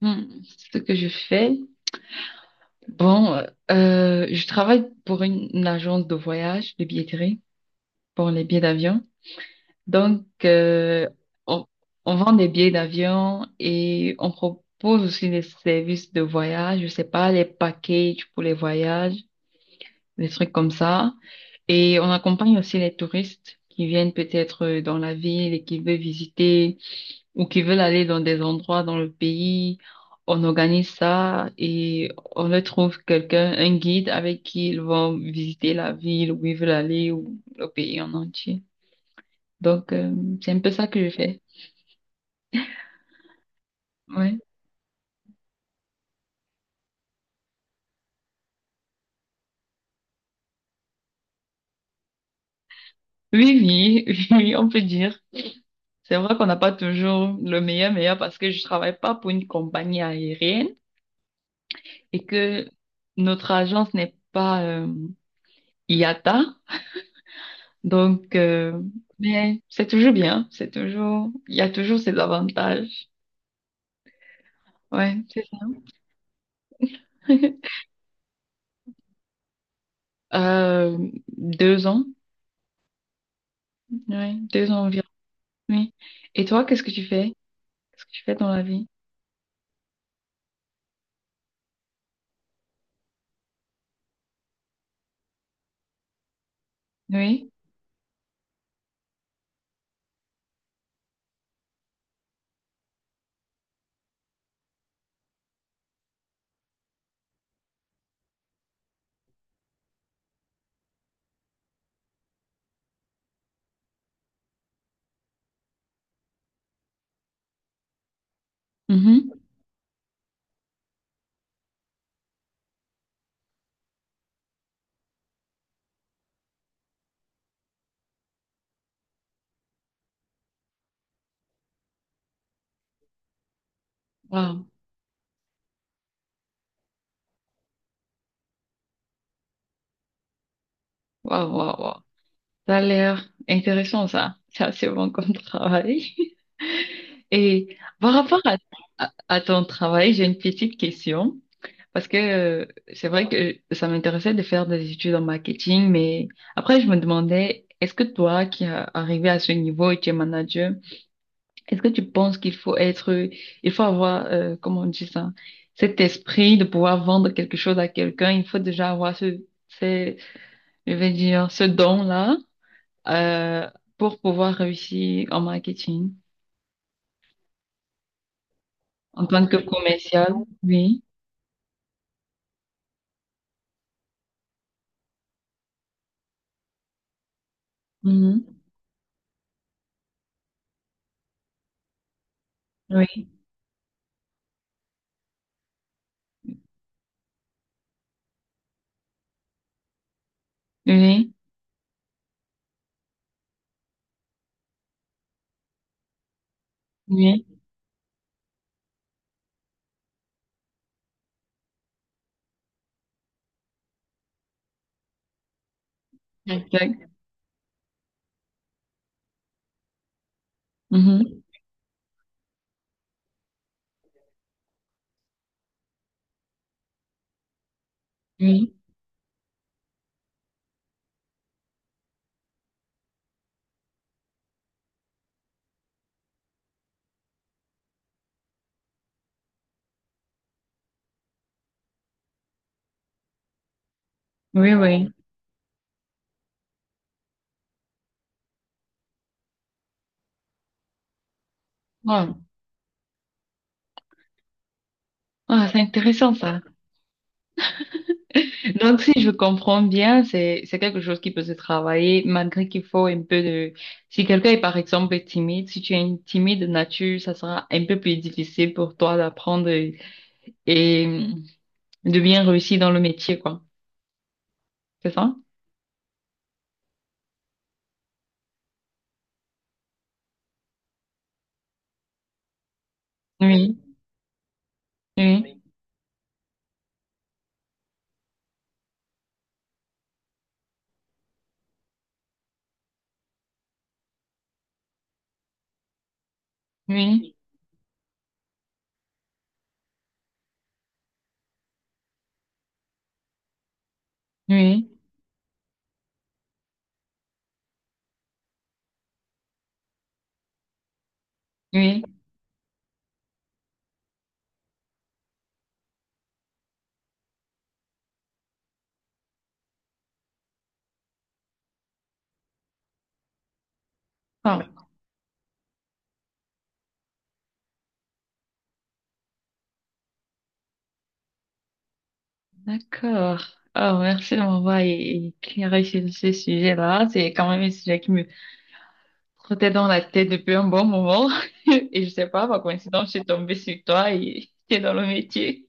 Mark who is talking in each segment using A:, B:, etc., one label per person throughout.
A: Hmm, ce que je fais, bon, je travaille pour une agence de voyage, de billetterie, pour les billets d'avion. Donc, on, on vend des billets d'avion et on propose aussi des services de voyage, je sais pas, les packages pour les voyages, des trucs comme ça. Et on accompagne aussi les touristes qui viennent peut-être dans la ville et qui veulent visiter ou qui veulent aller dans des endroits dans le pays, on organise ça et on leur trouve quelqu'un, un guide avec qui ils vont visiter la ville où ils veulent aller ou le pays en entier. Donc, c'est un peu ça que je fais. Ouais. Oui, oui, oui, on peut dire. C'est vrai qu'on n'a pas toujours le meilleur meilleur parce que je travaille pas pour une compagnie aérienne et que notre agence n'est pas IATA. Donc, mais c'est toujours bien, c'est toujours, il y a toujours ses avantages. Ouais, c'est ça. Euh, deux ans, ouais, deux ans environ. Oui. Et toi, qu'est-ce que tu fais? Qu'est-ce que tu fais dans la vie? Oui. Mhm. Waouh, waouh, waouh, waouh. Ça a l'air intéressant, ça. C'est assez bon comme travail. Et par rapport à ton travail, j'ai une petite question. Parce que c'est vrai que ça m'intéressait de faire des études en marketing, mais après je me demandais, est-ce que toi qui es arrivé à ce niveau et tu es manager, est-ce que tu penses qu'il faut être, il faut avoir, comment on dit ça, cet esprit de pouvoir vendre quelque chose à quelqu'un, il faut déjà avoir ce- je vais dire, ce don-là euh, pour pouvoir réussir en marketing, en tant que commercial, oui, Mhm. oui, oui, oui, exact, Mhm. oui, oui, oui. Wow. Ah, c'est intéressant ça. Donc, si je comprends bien, c'est quelque chose qui peut se travailler malgré qu'il faut un peu de... Si quelqu'un est par exemple timide, si tu es une timide de nature, ça sera un peu plus difficile pour toi d'apprendre et de bien réussir dans le métier, quoi. C'est ça? Oui, oui, oui, oui, oui. Ah, d'accord. Ah, merci de m'avoir éclairé sur ce sujet-là. C'est quand même un sujet qui me trottait dans la tête depuis un bon moment. Et je sais pas, par coïncidence, j'ai tombé sur toi et t'es dans le métier.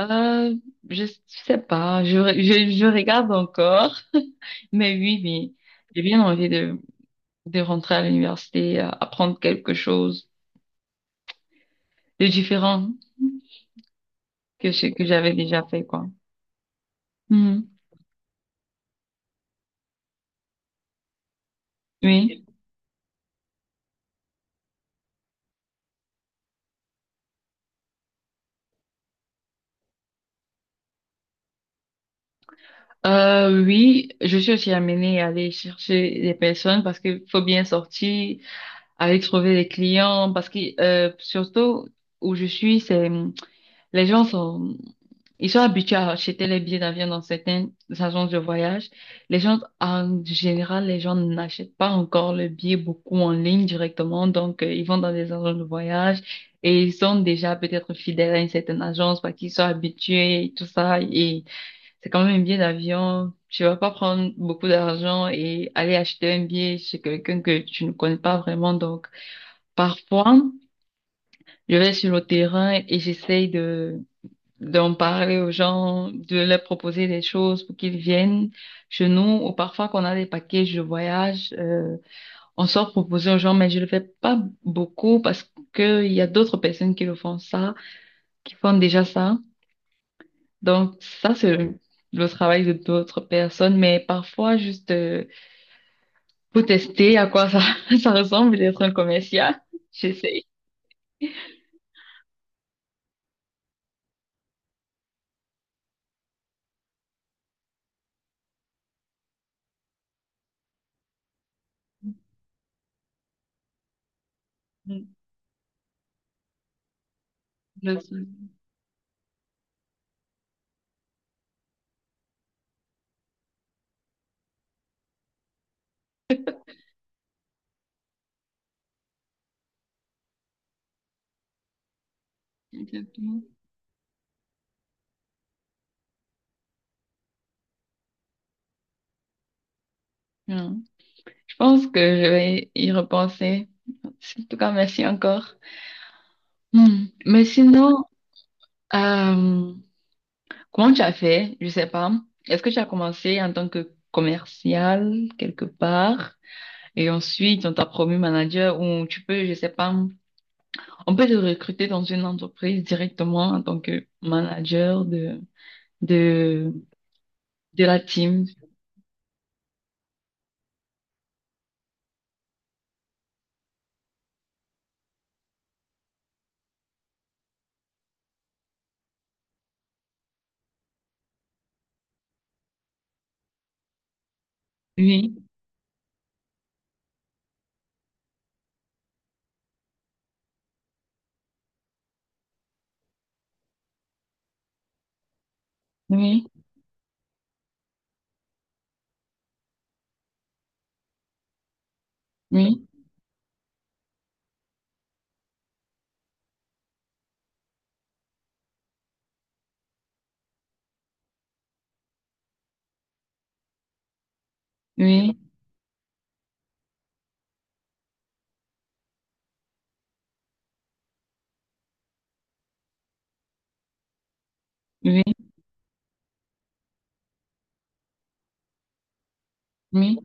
A: Euh, je sais pas, je regarde encore, mais oui, oui, j'ai bien envie de rentrer à l'université, apprendre quelque chose de différent que ce que j'avais déjà fait, quoi. Mhm. Oui. Oui, je suis aussi amenée à aller chercher des personnes parce qu'il faut bien sortir, avec trouver des clients parce que surtout où je suis c'est les gens sont ils sont habitués à acheter les billets d'avion dans certaines agences de voyage, les gens en général les gens n'achètent pas encore le billet beaucoup en ligne directement, donc ils vont dans des agences de voyage et ils sont déjà peut-être fidèles à une certaine agence parce qu'ils sont habitués et tout ça et c'est quand même un billet d'avion. Tu vas pas prendre beaucoup d'argent et aller acheter un billet chez quelqu'un que tu ne connais pas vraiment, donc parfois, je vais sur le terrain et j'essaye de d'en parler aux gens, de leur proposer des choses pour qu'ils viennent chez nous. Ou parfois, qu'on a des packages de voyage, on sort proposer aux gens, mais je le fais pas beaucoup parce qu'il y a d'autres personnes qui le font ça, qui font déjà ça. Donc, ça, c'est le travail de d'autres personnes. Mais parfois, juste pour tester à quoi ça, ça ressemble d'être un commercial, j'essaye. Mm, je sais. Exactement. Ouais, pense que je vais y repenser. En tout cas, merci encore. Hmm. Mais sinon, euh, comment tu as fait? Je sais pas. Est-ce que tu as commencé en tant que commercial quelque part et ensuite on t'a promu manager ou tu peux, je sais pas, on peut te recruter dans une entreprise directement en tant que manager de de de la team. Oui, oui, oui, oui, oui, oui,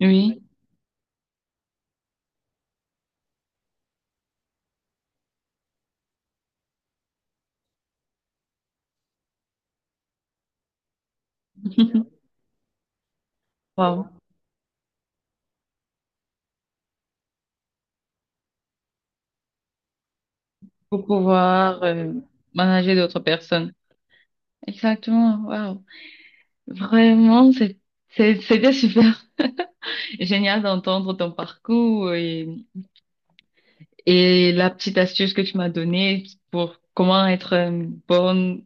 A: oui. Wow. Pour pouvoir manager d'autres personnes. Exactement, waouh. Vraiment, c'était super génial d'entendre ton parcours et la petite astuce que tu m'as donnée pour comment être une bonne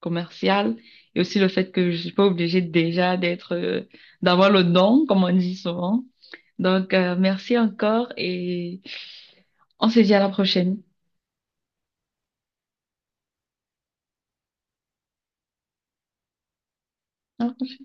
A: commerciale et aussi le fait que je suis pas obligée déjà d'être, d'avoir le don, comme on dit souvent. Donc, merci encore et on se dit à la prochaine. Ok.